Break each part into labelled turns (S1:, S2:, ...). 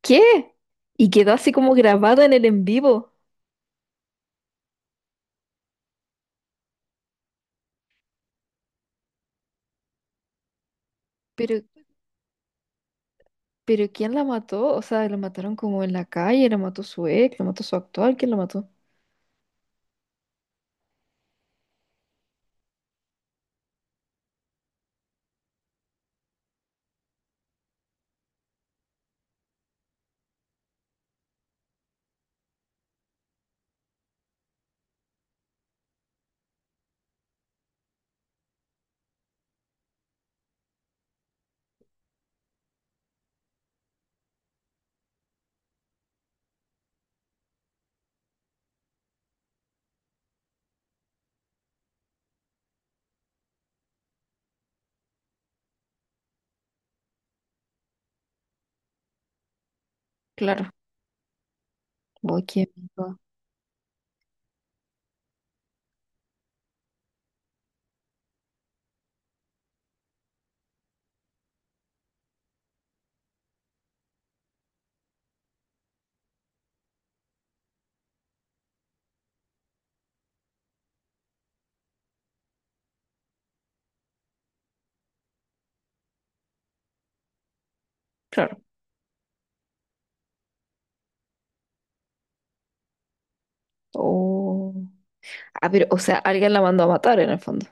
S1: ¿Qué? Y quedó así como grabado en el en vivo. Pero, pero ¿quién la mató? O sea, la mataron como en la calle, la mató su ex, la mató su actual, ¿quién la mató? Claro. Oh, ¿quién mató? Claro. Oh. Ah, pero, o sea, alguien la mandó a matar en el fondo.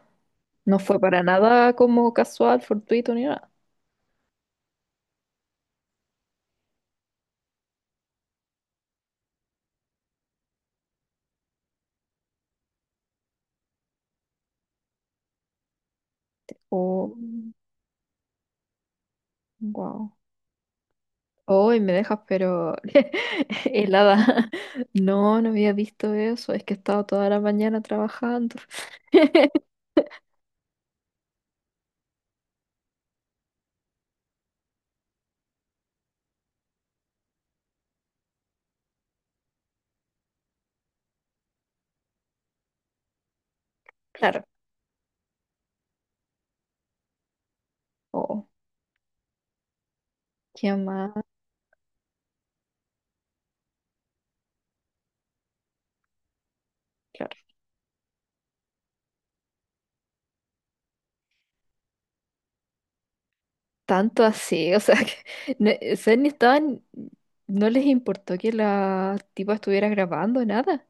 S1: No fue para nada como casual, fortuito ni nada. Oh, wow. Oh, y me dejas, pero helada. No, no había visto eso. Es que he estado toda la mañana trabajando. Claro. Oh. Qué mal, claro. Tanto así, o sea, que no, o sea, ni estaban, no les importó que la tipa estuviera grabando nada.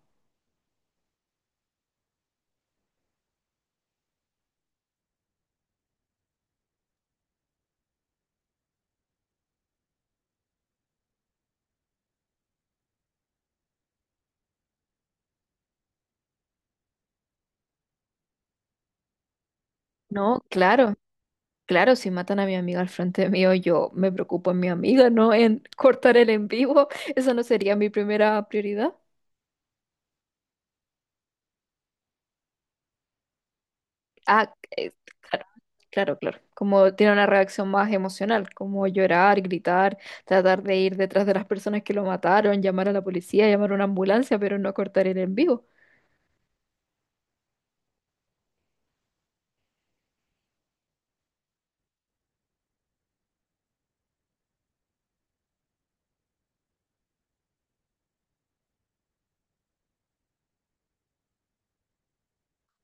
S1: No, claro, claro, si matan a mi amiga al frente mío, yo me preocupo en mi amiga, no en cortar el en vivo. Eso no sería mi primera prioridad. Ah, claro, claro, claro. Como tiene una reacción más emocional, como llorar, gritar, tratar de ir detrás de las personas que lo mataron, llamar a la policía, llamar a una ambulancia, pero no cortar el en vivo.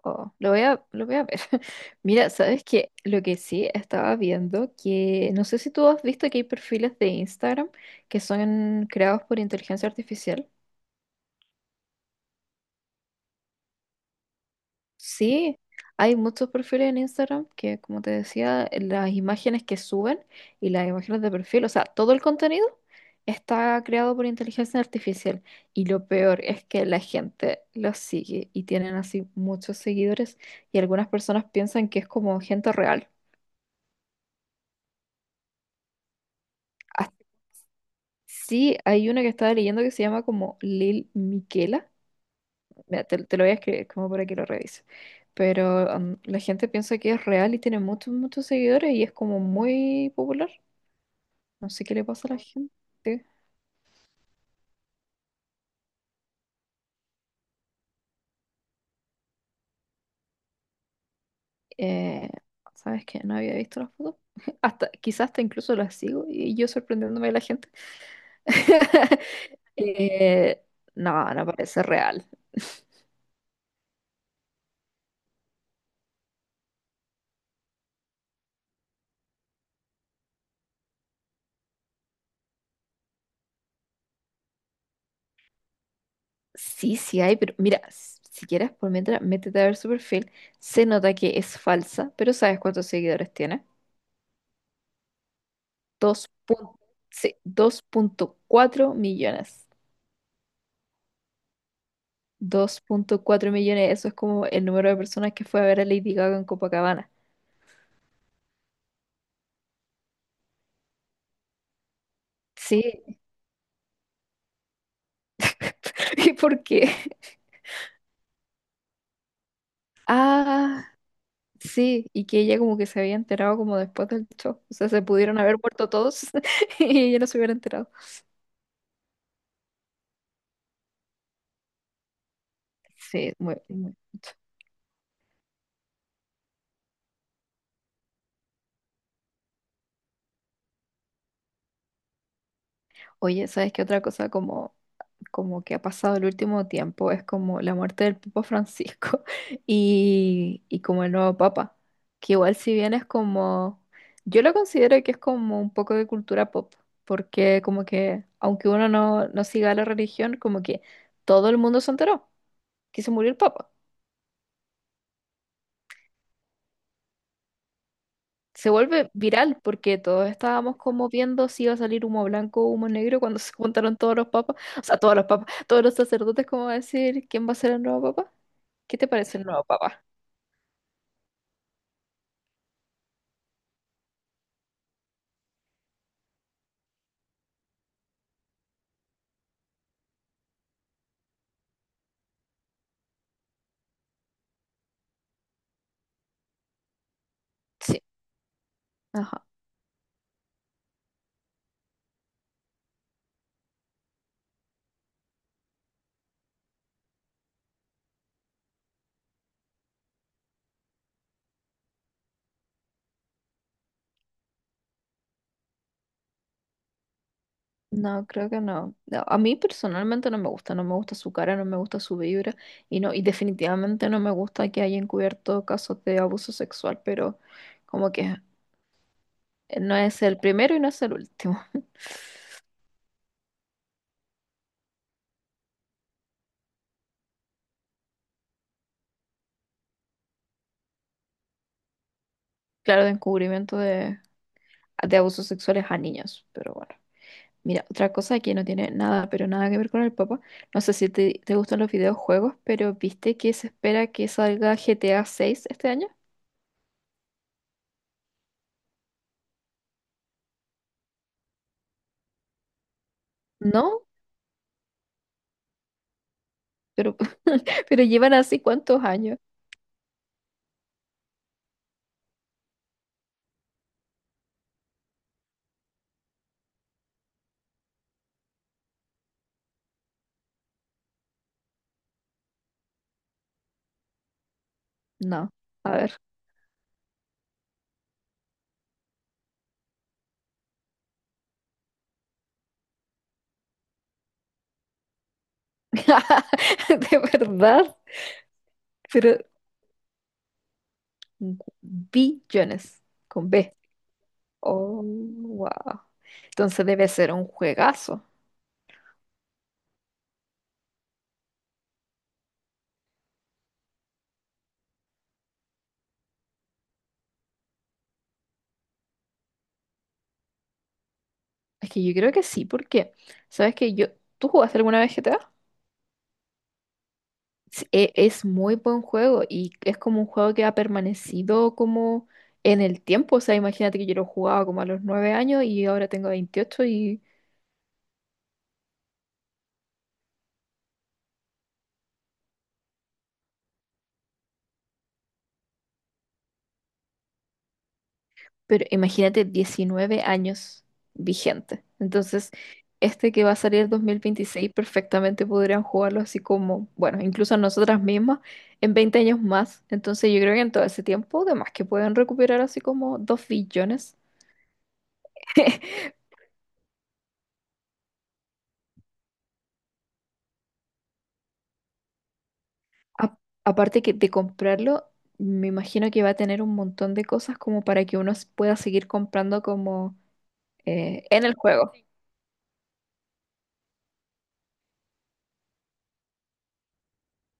S1: Oh, lo voy a ver. Mira, ¿sabes qué? Lo que sí estaba viendo, que no sé si tú has visto que hay perfiles de Instagram que son creados por inteligencia artificial. Sí, hay muchos perfiles en Instagram que, como te decía, las imágenes que suben y las imágenes de perfil, o sea, todo el contenido está creado por inteligencia artificial. Y lo peor es que la gente los sigue y tienen así muchos seguidores y algunas personas piensan que es como gente real. Sí, hay una que estaba leyendo que se llama como Lil Miquela. Mira, te lo voy a escribir como para que lo revises. Pero la gente piensa que es real y tiene muchos, muchos seguidores y es como muy popular. No sé qué le pasa a la gente. Eh, ¿Sabes qué? No había visto las fotos. Hasta, quizás hasta incluso las sigo y yo sorprendiéndome de la gente. Eh, no, no parece real. Sí, sí hay, pero mira, si quieres, por mientras, métete a ver su perfil. Se nota que es falsa, pero ¿sabes cuántos seguidores tiene? Dos dos punto punto sí, 2,4 millones. 2,4 millones, eso es como el número de personas que fue a ver a Lady Gaga en Copacabana. Sí. ¿Y por qué? Ah, sí, y que ella como que se había enterado como después del show. O sea, se pudieron haber muerto todos y ella no se hubiera enterado. Sí, muy, muy. Oye, ¿sabes qué otra cosa como que ha pasado el último tiempo es como la muerte del Papa Francisco y como el nuevo Papa, que igual si bien es como, yo lo considero que es como un poco de cultura pop, porque como que aunque uno no siga la religión, como que todo el mundo se enteró que se murió el Papa. Se vuelve viral porque todos estábamos como viendo si iba a salir humo blanco o humo negro cuando se juntaron todos los papas, o sea, todos los papas, todos los sacerdotes, como a decir quién va a ser el nuevo papa. ¿Qué te parece el nuevo papá? Sí, ajá. No, creo que no. No, a mí personalmente no me gusta, no me gusta su cara, no me gusta su vibra y no, y definitivamente no me gusta que haya encubierto casos de abuso sexual, pero como que no es el primero y no es el último. Claro, de encubrimiento de, abusos sexuales a niños, pero bueno. Mira, otra cosa que no tiene nada, pero nada que ver con el papá. No sé si te gustan los videojuegos, pero ¿viste que se espera que salga GTA 6 este año? No, pero, pero llevan así cuántos años. No, a ver. De verdad, pero billones con B. Oh, wow. Entonces debe ser un juegazo. Es que yo creo que sí, porque, ¿sabes que yo, ¿tú jugaste alguna vez GTA? Sí, Es muy buen juego y es como un juego que ha permanecido como en el tiempo. O sea, imagínate que yo lo jugaba como a los 9 años y ahora tengo 28 y. Pero imagínate 19 años vigente. Entonces, este que va a salir el 2026 perfectamente podrían jugarlo así como, bueno, incluso nosotras mismas en 20 años más. Entonces, yo creo que en todo ese tiempo, además que pueden recuperar así como 2 billones. A- aparte que de comprarlo, me imagino que va a tener un montón de cosas como para que uno pueda seguir comprando como en el juego.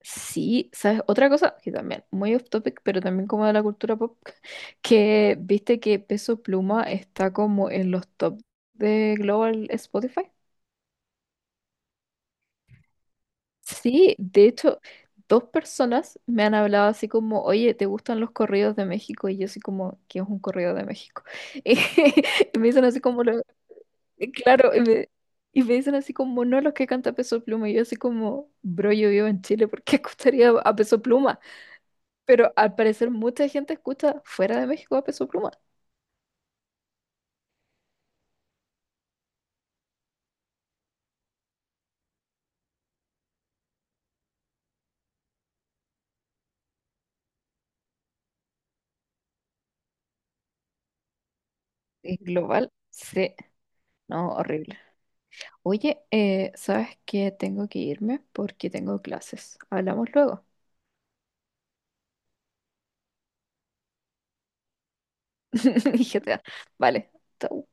S1: Sí, ¿sabes? Otra cosa que también, muy off topic, pero también como de la cultura pop, que viste que Peso Pluma está como en los top de Global Spotify. Sí, de hecho, dos personas me han hablado así como, oye, ¿te gustan los corridos de México? Y yo así como, ¿qué es un corrido de México? Y, me dicen así como, claro, y me dicen así como, no los que canta Peso Pluma. Y yo así como, bro, yo vivo en Chile, ¿por qué escucharía a Peso Pluma? Pero al parecer mucha gente escucha fuera de México a Peso Pluma. Es global, sí. No, horrible. Oye, ¿sabes qué? Tengo que irme porque tengo clases. Hablamos luego. GTA. Vale. Chao.